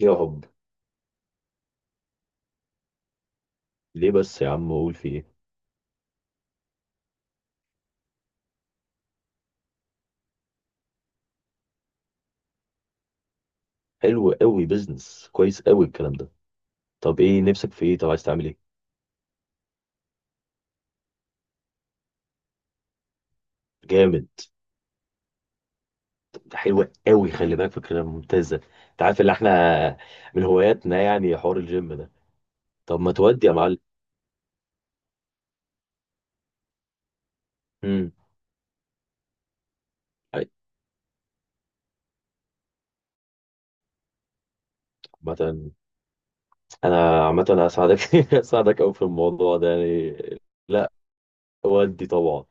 يا حب، ليه بس يا عم؟ اقول في ايه؟ حلو قوي، بيزنس كويس قوي الكلام ده. طب ايه نفسك في ايه؟ طب عايز تعمل ايه؟ جامد. ده حلوة قوي، خلي بالك فكرة ممتازة. انت عارف اللي احنا من هواياتنا يعني حوار الجيم ده. طب ما تودي يا معلم. امم. عامة عامة هساعدك هساعدك قوي في الموضوع ده يعني. لا، ودي طبعا.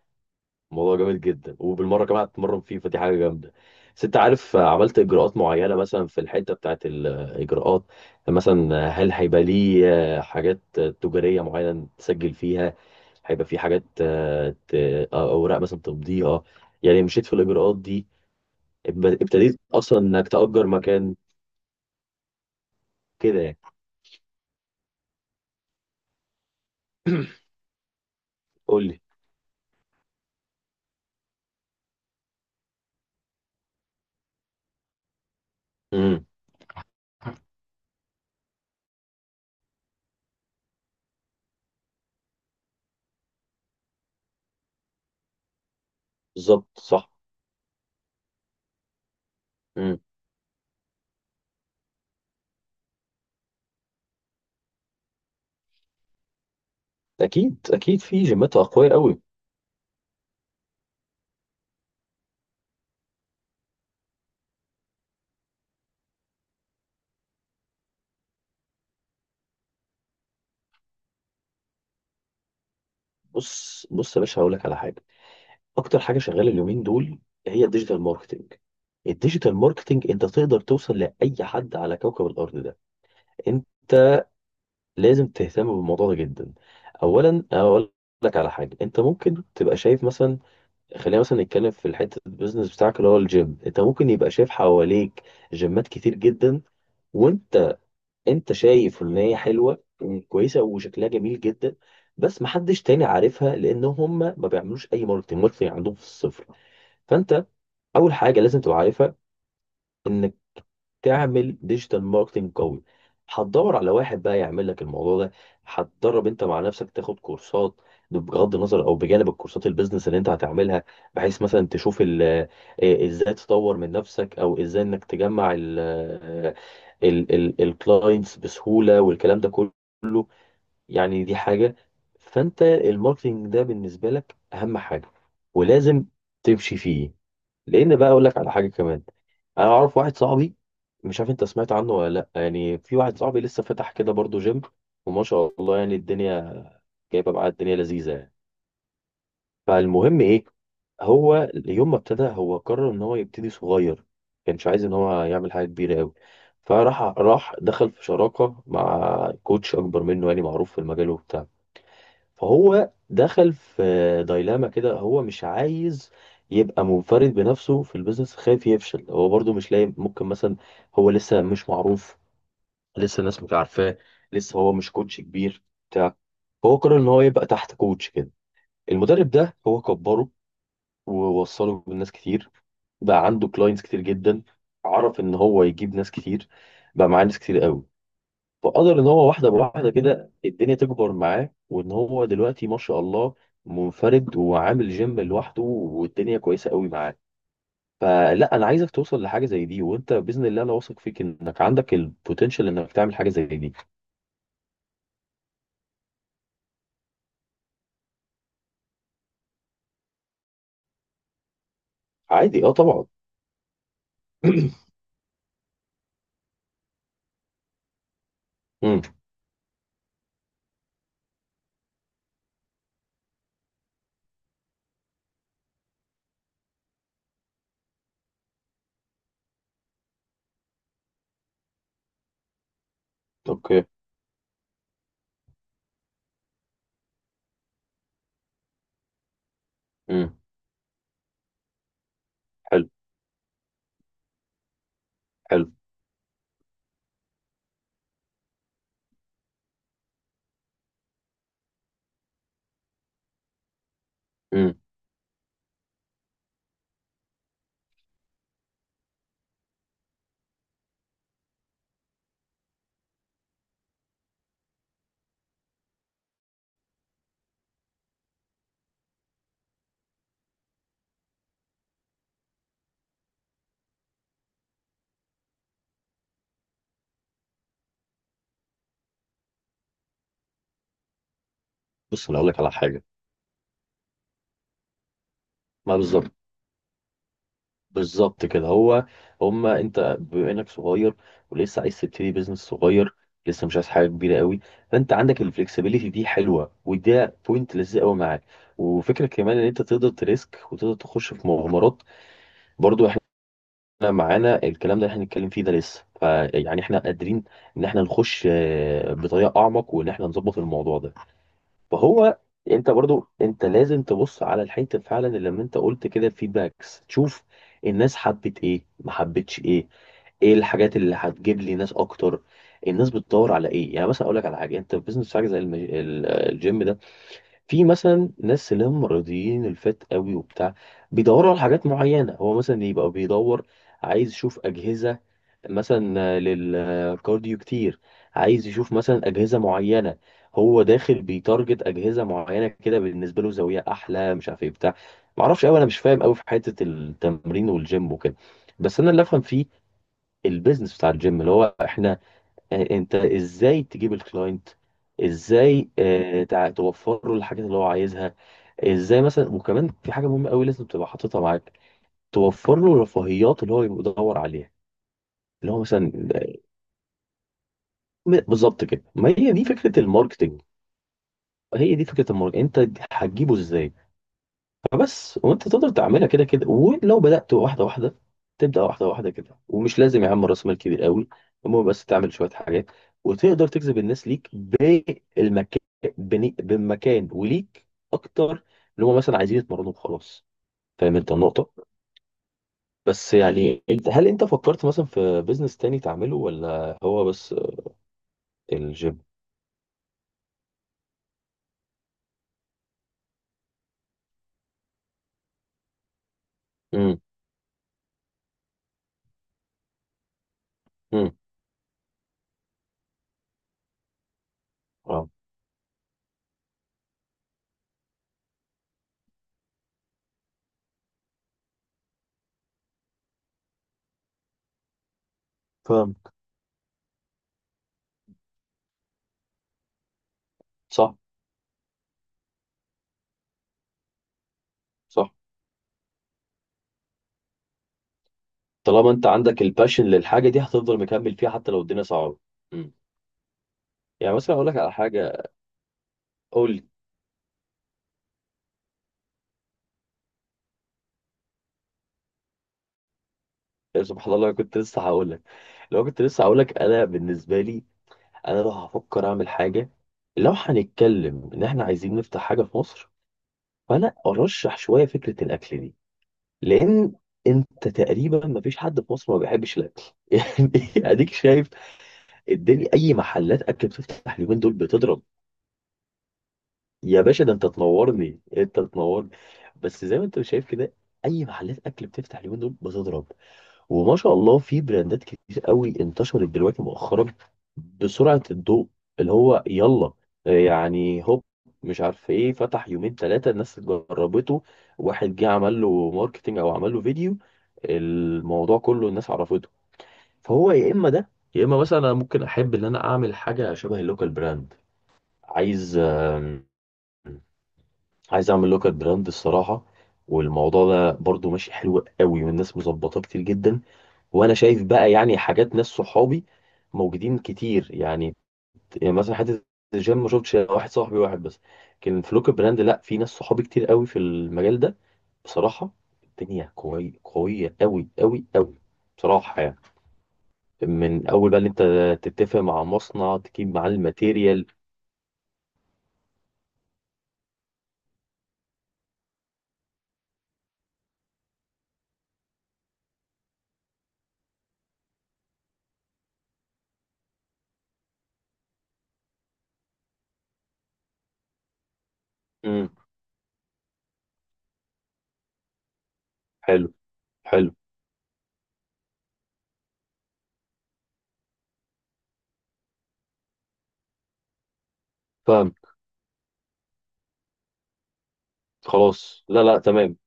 الموضوع جامد جدا، وبالمره كمان هتتمرن فيه، فدي حاجه جامده. بس انت عارف، عملت اجراءات معينه مثلا في الحته بتاعت الاجراءات. مثلا هل هيبقى ليه حاجات تجاريه معينه تسجل فيها؟ هيبقى في حاجات اوراق مثلا تمضيها. يعني مشيت في الاجراءات دي؟ ابتديت اصلا انك تأجر مكان كده يعني؟ قول لي. امم. بالظبط، صح. امم. اكيد اكيد، في جيمات اقوياء قوي. بص بص يا باشا، هقول لك على حاجه. اكتر حاجه شغاله اليومين دول هي الديجيتال ماركتنج. الديجيتال ماركتنج انت تقدر توصل لاي حد على كوكب الارض ده. انت لازم تهتم بالموضوع ده جدا. اولا اقول لك على حاجه، انت ممكن تبقى شايف مثلا، خلينا مثلا نتكلم في الحته البيزنس بتاعك اللي هو الجيم. انت ممكن يبقى شايف حواليك جيمات كتير جدا، وانت شايف ان هي حلوه وكويسه وشكلها جميل جدا، بس محدش تاني عارفها لان هم ما بيعملوش اي ماركتنج. ماركتنج عندهم في الصفر. فانت اول حاجه لازم تبقى عارفها، انك تعمل ديجيتال ماركتنج قوي. هتدور على واحد بقى يعمل لك الموضوع ده، هتدرب انت مع نفسك، تاخد كورسات، بغض النظر، او بجانب الكورسات البيزنس اللي انت هتعملها، بحيث مثلا تشوف ازاي تطور من نفسك، او ازاي انك تجمع الكلاينتس بسهوله والكلام ده كله. يعني دي حاجه. فانت الماركتنج ده بالنسبه لك اهم حاجه، ولازم تمشي فيه. لان بقى اقول لك على حاجه كمان، انا اعرف واحد صاحبي، مش عارف انت سمعت عنه ولا لا، يعني في واحد صاحبي لسه فتح كده برضه جيم، وما شاء الله يعني الدنيا جايبه معاه، الدنيا لذيذه يعني. فالمهم ايه، هو يوم ما ابتدى، هو قرر ان هو يبتدي صغير، كانش عايز ان هو يعمل حاجه كبيره قوي. فراح دخل في شراكه مع كوتش اكبر منه، يعني معروف في المجال وبتاع. فهو دخل في دايلاما كده، هو مش عايز يبقى منفرد بنفسه في البيزنس، خايف يفشل، هو برضو مش لاقي ممكن مثلا، هو لسه مش معروف، لسه الناس مش عارفاه، لسه هو مش كوتش كبير بتاع. هو قرر ان هو يبقى تحت كوتش كده، المدرب ده هو كبره ووصله بالناس كتير، بقى عنده كلاينتس كتير جدا، عرف ان هو يجيب ناس كتير، بقى معاه ناس كتير قوي، فقدر ان هو واحده بواحده كده الدنيا تكبر معاه، وان هو دلوقتي ما شاء الله منفرد وعامل جيم لوحده، والدنيا كويسه قوي معاه. فلا، انا عايزك توصل لحاجه زي دي، وانت باذن الله انا واثق فيك انك عندك البوتنشال انك تعمل حاجه زي دي. عادي، اه طبعا. امم. اوكي. امم. حلو حلو. امم. بص، انا اقول لك على حاجه. ما بالظبط، بالظبط كده هو. هما انت بما انك صغير ولسه عايز تبتدي بيزنس صغير، لسه مش عايز حاجه كبيره قوي، فانت عندك الفلكسبيليتي دي حلوه، وده بوينت لذيذ قوي معاك. وفكره كمان ان انت تقدر تريسك وتقدر تخش في مغامرات. برضو احنا معانا الكلام ده اللي احنا هنتكلم فيه ده لسه، فيعني احنا قادرين ان احنا نخش بطريقه اعمق، وان احنا نظبط الموضوع ده وهو. انت برضو لازم تبص على الحته فعلا، اللي لما انت قلت كده الفيدباكس، تشوف الناس حبت ايه ما حبتش ايه، ايه الحاجات اللي هتجيب لي ناس اكتر، الناس بتدور على ايه. يعني مثلا اقول لك على حاجه، انت في بيزنس حاجه زي الجيم ده، في مثلا ناس اللي هم رياضيين الفات قوي وبتاع، بيدوروا على حاجات معينة. هو مثلا يبقى بيدور، عايز يشوف أجهزة مثلا للكارديو كتير، عايز يشوف مثلا أجهزة معينة. هو داخل بيتارجت أجهزة معينة، كده بالنسبة له زاوية أحلى، مش عارف إيه بتاع. معرفش أوي، أنا مش فاهم أوي في حتة التمرين والجيم وكده، بس أنا اللي أفهم فيه البيزنس بتاع الجيم، اللي هو إحنا يعني أنت إزاي تجيب الكلاينت، ازاي توفر له الحاجات اللي هو عايزها، ازاي مثلا. وكمان في حاجه مهمه قوي لازم تبقى حاططها معاك، توفر له الرفاهيات اللي هو بيدور عليها، اللي هو مثلا بالظبط كده. ما هي دي فكره الماركتنج، هي دي فكره الماركتنج. انت هتجيبه ازاي؟ فبس، وانت تقدر تعملها كده كده، ولو بدات واحده واحده، تبدا واحده واحده كده، ومش لازم يا عم راس مال كبير قوي. المهم بس تعمل شويه حاجات، وتقدر تجذب الناس ليك بالمكان، بالمكان وليك اكتر، اللي هم مثلا عايزين يتمرنوا وخلاص. فاهم انت النقطه؟ بس يعني هل انت فكرت مثلا في بيزنس تاني تعمله ولا هو بس الجيم؟ امم. امم. اه. فاهم. صح. صح. طالما انت عندك الباشن للحاجه دي، هتفضل مكمل فيها حتى لو الدنيا صعبه. امم. يعني مثلا اقول لك على حاجه. قول. سبحان الله، كنت لسه هقول لك. لو كنت لسه هقول لك، انا بالنسبه لي، انا لو هفكر اعمل حاجه، لو هنتكلم ان احنا عايزين نفتح حاجه في مصر، فانا ارشح شويه فكره الاكل دي، لان انت تقريبا ما فيش حد في مصر ما بيحبش الاكل. يعني اديك شايف الدنيا، اي محلات اكل بتفتح اليومين دول بتضرب. يا باشا، ده انت تنورني انت تنورني. بس زي ما انت شايف كده، اي محلات اكل بتفتح اليومين دول بتضرب، وما شاء الله في براندات كتير قوي انتشرت دلوقتي مؤخرا بسرعة الضوء، اللي هو يلا، يعني هوب، مش عارف ايه، فتح يومين ثلاثة الناس جربته، واحد جه عمل له ماركتينج او عمل له فيديو، الموضوع كله الناس عرفته. فهو يا اما ده، يا اما مثلا انا ممكن احب ان انا اعمل حاجة شبه اللوكال براند. عايز آم، عايز اعمل لوكال براند الصراحة، والموضوع ده برضو ماشي حلو قوي، والناس مظبطاه كتير جدا. وانا شايف بقى يعني حاجات، ناس صحابي موجودين كتير يعني. يعني مثلا حته الجيم، ما شفتش واحد صاحبي، واحد بس، لكن في لوكال براند لا، في ناس صحابي كتير قوي في المجال ده بصراحه. الدنيا قوي، قويه قوي قوي قوي بصراحه، يعني من اول بقى اللي انت تتفق مع مصنع تجيب معاه الماتيريال. امم. حلو حلو. فاهم. خلاص، لا لا، تمام.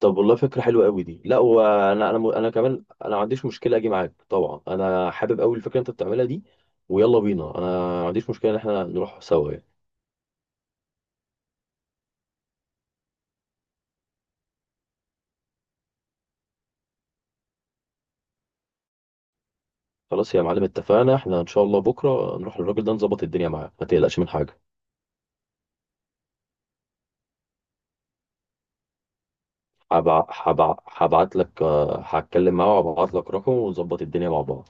طب والله فكرة حلوة قوي دي، لا وانا انا انا كمان انا ما عنديش مشكلة اجي معاك طبعا، انا حابب قوي الفكرة اللي انت بتعملها دي، ويلا بينا، انا ما عنديش مشكلة ان احنا نروح سوا يعني. خلاص يا معلم اتفقنا، احنا ان شاء الله بكرة نروح للراجل ده نظبط الدنيا معاه، ما تقلقش من حاجة. هبعت لك، هتكلم معاه وهبعت لك رقمه، ونظبط الدنيا مع بعض.